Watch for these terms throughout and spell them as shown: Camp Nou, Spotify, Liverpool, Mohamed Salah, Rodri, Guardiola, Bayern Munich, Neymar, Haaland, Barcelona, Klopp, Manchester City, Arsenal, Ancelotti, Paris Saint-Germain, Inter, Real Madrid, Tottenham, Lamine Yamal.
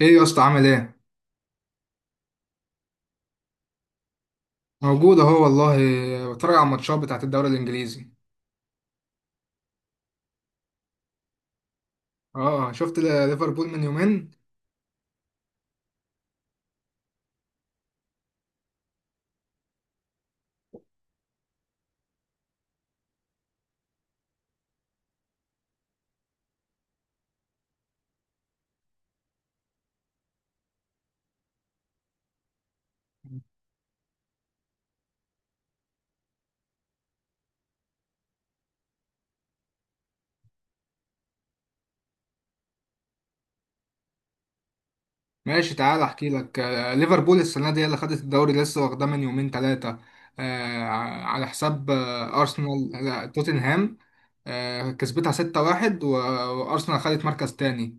ايه يا اسطى، عامل ايه؟ موجود اهو والله. بتفرج على الماتشات بتاعت الدوري الانجليزي؟ اه، شفت ليفربول من يومين. ماشي تعال احكي لك. ليفربول السنه دي هي اللي خدت الدوري، لسه واخداه من يومين ثلاثه، على حساب ارسنال، لا توتنهام. كسبتها 6-1 وارسنال خدت مركز تاني.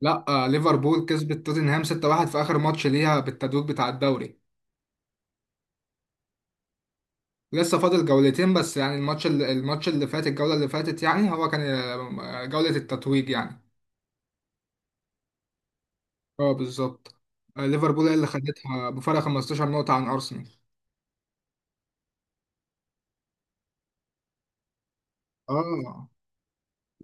لا، ليفربول كسبت توتنهام 6-1 في اخر ماتش ليها بالتدويج بتاع الدوري. لسه فاضل جولتين بس. يعني الماتش اللي فات، الجولة اللي فاتت، يعني هو كان جولة التتويج يعني. اه، بالظبط. ليفربول هي اللي خدتها بفارق 15 نقطة عن أرسنال. اه،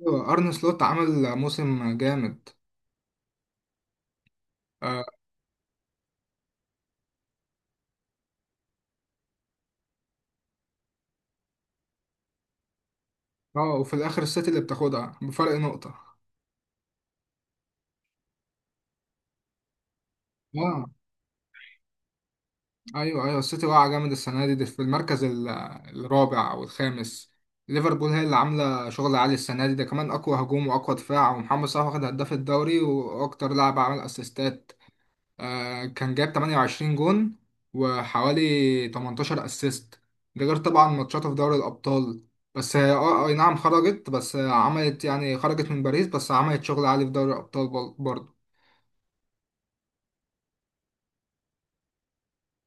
أيوة، أرن سلوت عمل موسم جامد. اه. وفي الآخر السيتي اللي بتاخدها بفرق نقطة. اه، ايوه ايوه، السيتي واقعه جامد السنه دي، دي في المركز الرابع او الخامس. ليفربول هي اللي عامله شغل عالي السنه دي، ده كمان اقوى هجوم واقوى دفاع، ومحمد صلاح واخد هداف الدوري واكتر لاعب عمل اسيستات. كان جاب 28 جون، وحوالي 18 اسيست، ده غير طبعا ماتشاته في دوري الابطال. بس هي اي نعم خرجت، بس عملت، يعني خرجت من باريس بس عملت شغل عالي في دوري الابطال برضه.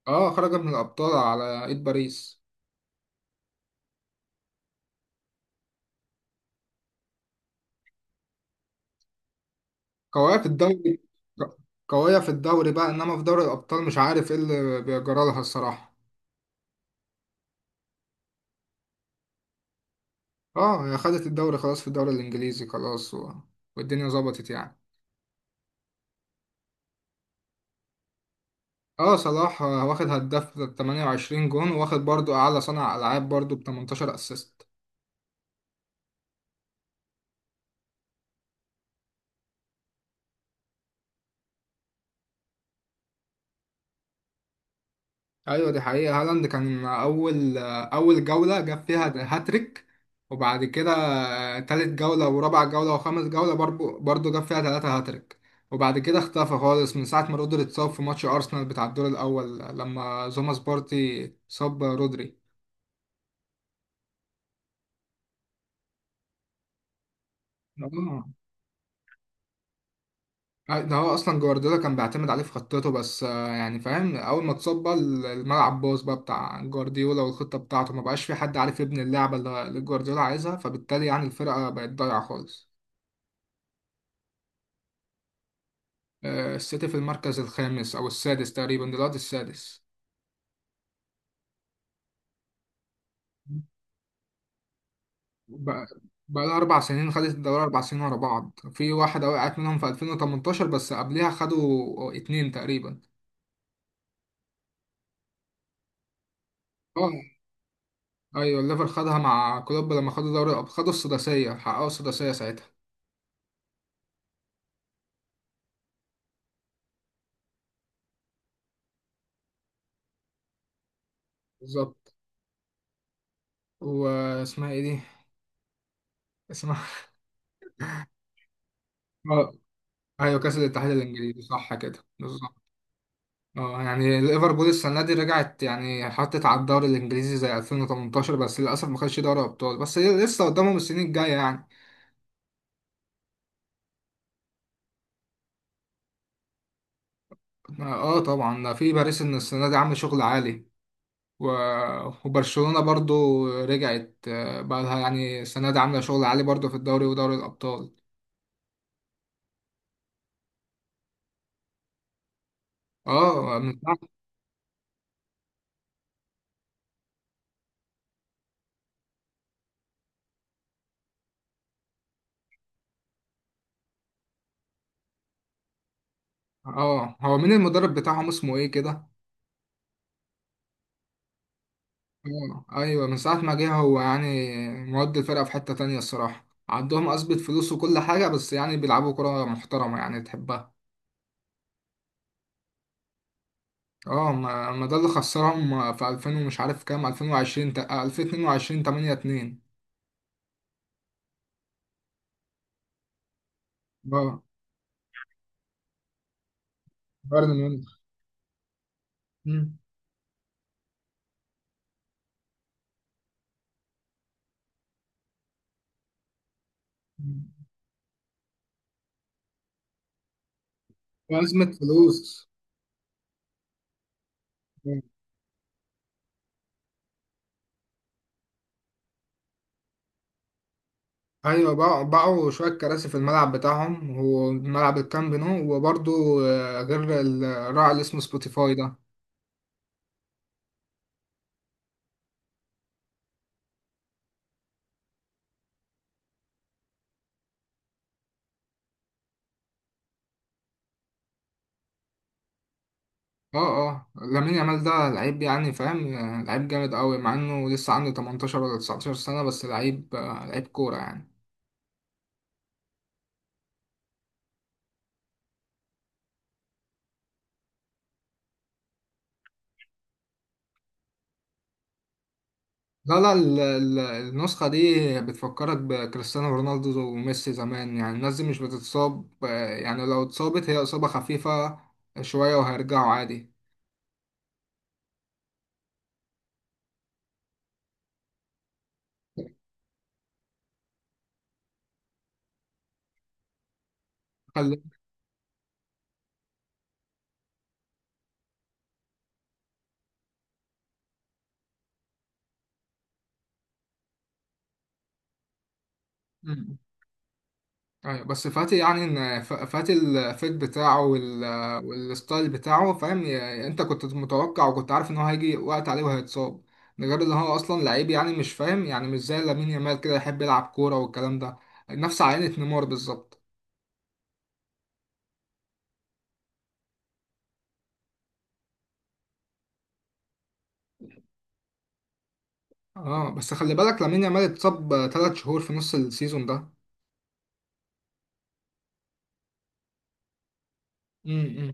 اه، خرجت من الابطال على ايد باريس. قوية في الدوري. قوية في الدوري بقى، انما في دوري الابطال مش عارف ايه اللي بيجرى لها الصراحة. اه، هي خدت الدوري خلاص، في الدوري الانجليزي خلاص، والدنيا ظبطت يعني. اه، صلاح واخد هداف ب 28 جون، واخد برضو اعلى صانع العاب برضو ب 18 اسيست. ايوه، دي حقيقة. هالاند كان اول اول جولة جاب فيها هاتريك، وبعد كده تالت جولة ورابع جولة وخامس جولة برضو جاب فيها تلاتة هاتريك. وبعد كده اختفى خالص من ساعة ما رودري اتصاب في ماتش ارسنال بتاع الدور الاول، لما زوماس بارتي صاب رودري. آه. ده هو اصلا جوارديولا كان بيعتمد عليه في خطته، بس يعني فاهم، اول ما اتصاب بقى الملعب باظ بقى بتاع جوارديولا والخطة بتاعته، ما بقاش في حد عارف يبني اللعبة اللي جوارديولا عايزها، فبالتالي يعني الفرقة بقت ضايعة خالص. السيتي في المركز الخامس أو السادس تقريبا دلوقتي، السادس. بقى بقى لها 4 سنين خدت الدوري، 4 سنين ورا بعض، في واحدة وقعت منهم في 2018 بس قبلها خدوا اتنين تقريبا. اه، أيوة الليفر خدها مع كلوب لما خدوا دوري الأبطال، خدوا السداسية، حققوا السداسية ساعتها. بالظبط. واسمها إيه دي؟ اسمها. اه، أيوة كأس الاتحاد الإنجليزي، صح كده بالظبط. اه، يعني ليفربول السنة دي رجعت، يعني حطت على الدوري الإنجليزي زي 2018، بس للأسف ما خدش دوري أبطال، بس هي لسه قدامهم السنين الجاية يعني. اه طبعا، ده في باريس إن السنة دي عامل شغل عالي، و... وبرشلونة برضو رجعت، بقى لها، يعني السنة دي عاملة شغل عالي برضو في الدوري ودوري الأبطال. اه، من ساعة. اه، هو مين المدرب بتاعهم اسمه ايه كده؟ ايوه، من ساعة ما جه هو يعني. مودي الفرقة في حتة تانية الصراحة، عندهم أثبت فلوس وكل حاجة، بس يعني بيلعبوا كرة محترمة يعني تحبها. اه، ما, ما ده اللي خسرهم في 2000، ومش عارف كام، 2020 2022، 8-2. اه، بايرن ميونخ. مم. وأزمة فلوس. مم. أيوة، باعوا باعوا شوية كراسي في الملعب بتاعهم، وملعب الكامب نو، وبرضه غير الراعي اللي اسمه سبوتيفاي ده. اه اه، لامين يامال ده لعيب، يعني فاهم، لعيب جامد قوي، مع انه لسه عنده 18 ولا 19 سنة، بس لعيب لعيب كورة يعني. لا لا، النسخة دي بتفكرك بكريستيانو رونالدو وميسي زمان. يعني الناس دي مش بتتصاب، يعني لو اتصابت هي إصابة خفيفة شوية وهيرجعوا عادي. خلي ايوه، بس فاتي يعني، ان فاتي الفيت بتاعه والستايل بتاعه، فاهم، انت كنت متوقع، وكنت عارف ان هو هيجي وقت عليه وهيتصاب. ده غير ان هو اصلا لعيب، يعني مش فاهم، يعني مش زي لامين يامال كده يحب يلعب كوره والكلام ده. نفس عينة نيمار بالظبط. اه، بس خلي بالك لامين يامال اتصاب 3 شهور في نص السيزون ده. امم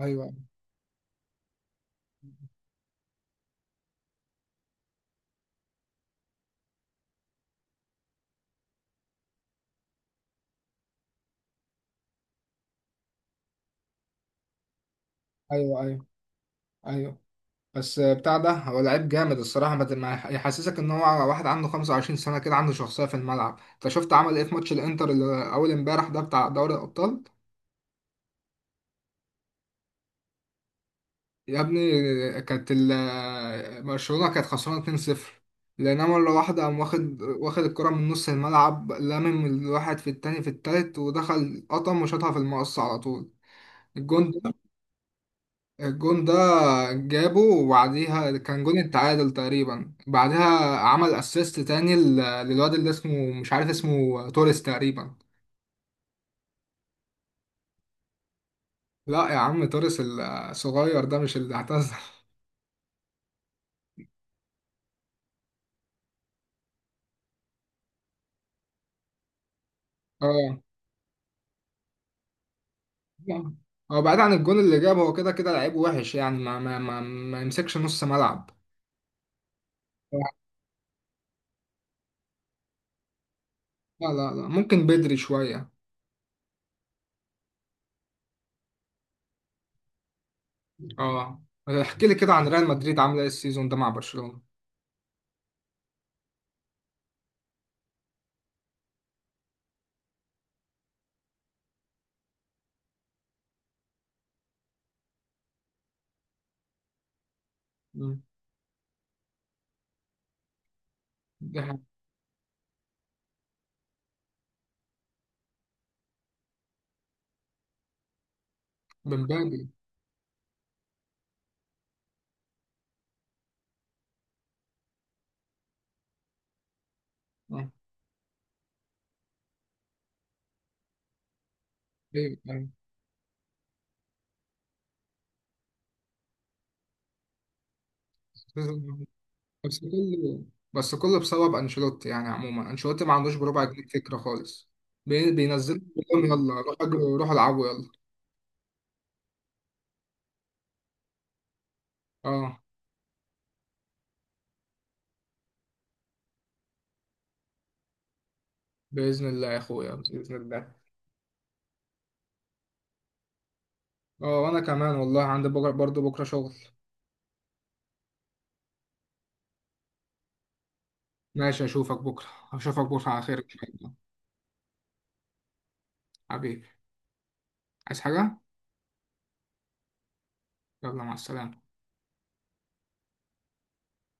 ايوه ايوه. ايوه ايوه. بس بتاع ده، هو لعيب جامد الصراحة، ما يحسسك ان هو واحد عنده 25 سنة كده، عنده شخصية في الملعب. انت شفت عمل ايه في ماتش الانتر اللي اول امبارح ده بتاع دوري الابطال؟ يا ابني، كانت برشلونة كانت خسرانة 2-0، لان مرة واحدة قام واخد واخد الكرة من نص الملعب، الواحد في التاني في التالت ودخل قطم وشاطها في المقص على طول. الجون الجون ده جابه، وبعديها كان جون التعادل تقريبا، بعدها عمل اسيست تاني للواد اللي اسمه، مش عارف اسمه، توريس تقريبا. لا يا عم، توريس الصغير ده مش اللي اعتزل. اه، لا. هو بعيد عن الجون اللي جابه، هو كده كده لعيب وحش، يعني ما يمسكش نص ملعب. لا لا لا، ممكن بدري شوية. اه، احكي لي كده عن ريال مدريد عاملة ايه السيزون ده مع برشلونة؟ مم. ده حاجة. بمبابي. اه. ايوه. أيوة. بس كله بس كله بسبب انشيلوتي، يعني عموما انشيلوتي ما عندوش بربع جنيه فكره خالص. بينزلوا كلهم، يلا روح اجروا، روح العبوا يلا. اه. باذن الله يا اخويا، باذن الله. اه، وانا كمان والله عندي بكره، برضه بكره شغل. ماشي، اشوفك بكره، اشوفك بكره على خير ان شاء الله. حبيبي. عايز حاجه؟ يلا، مع السلامه.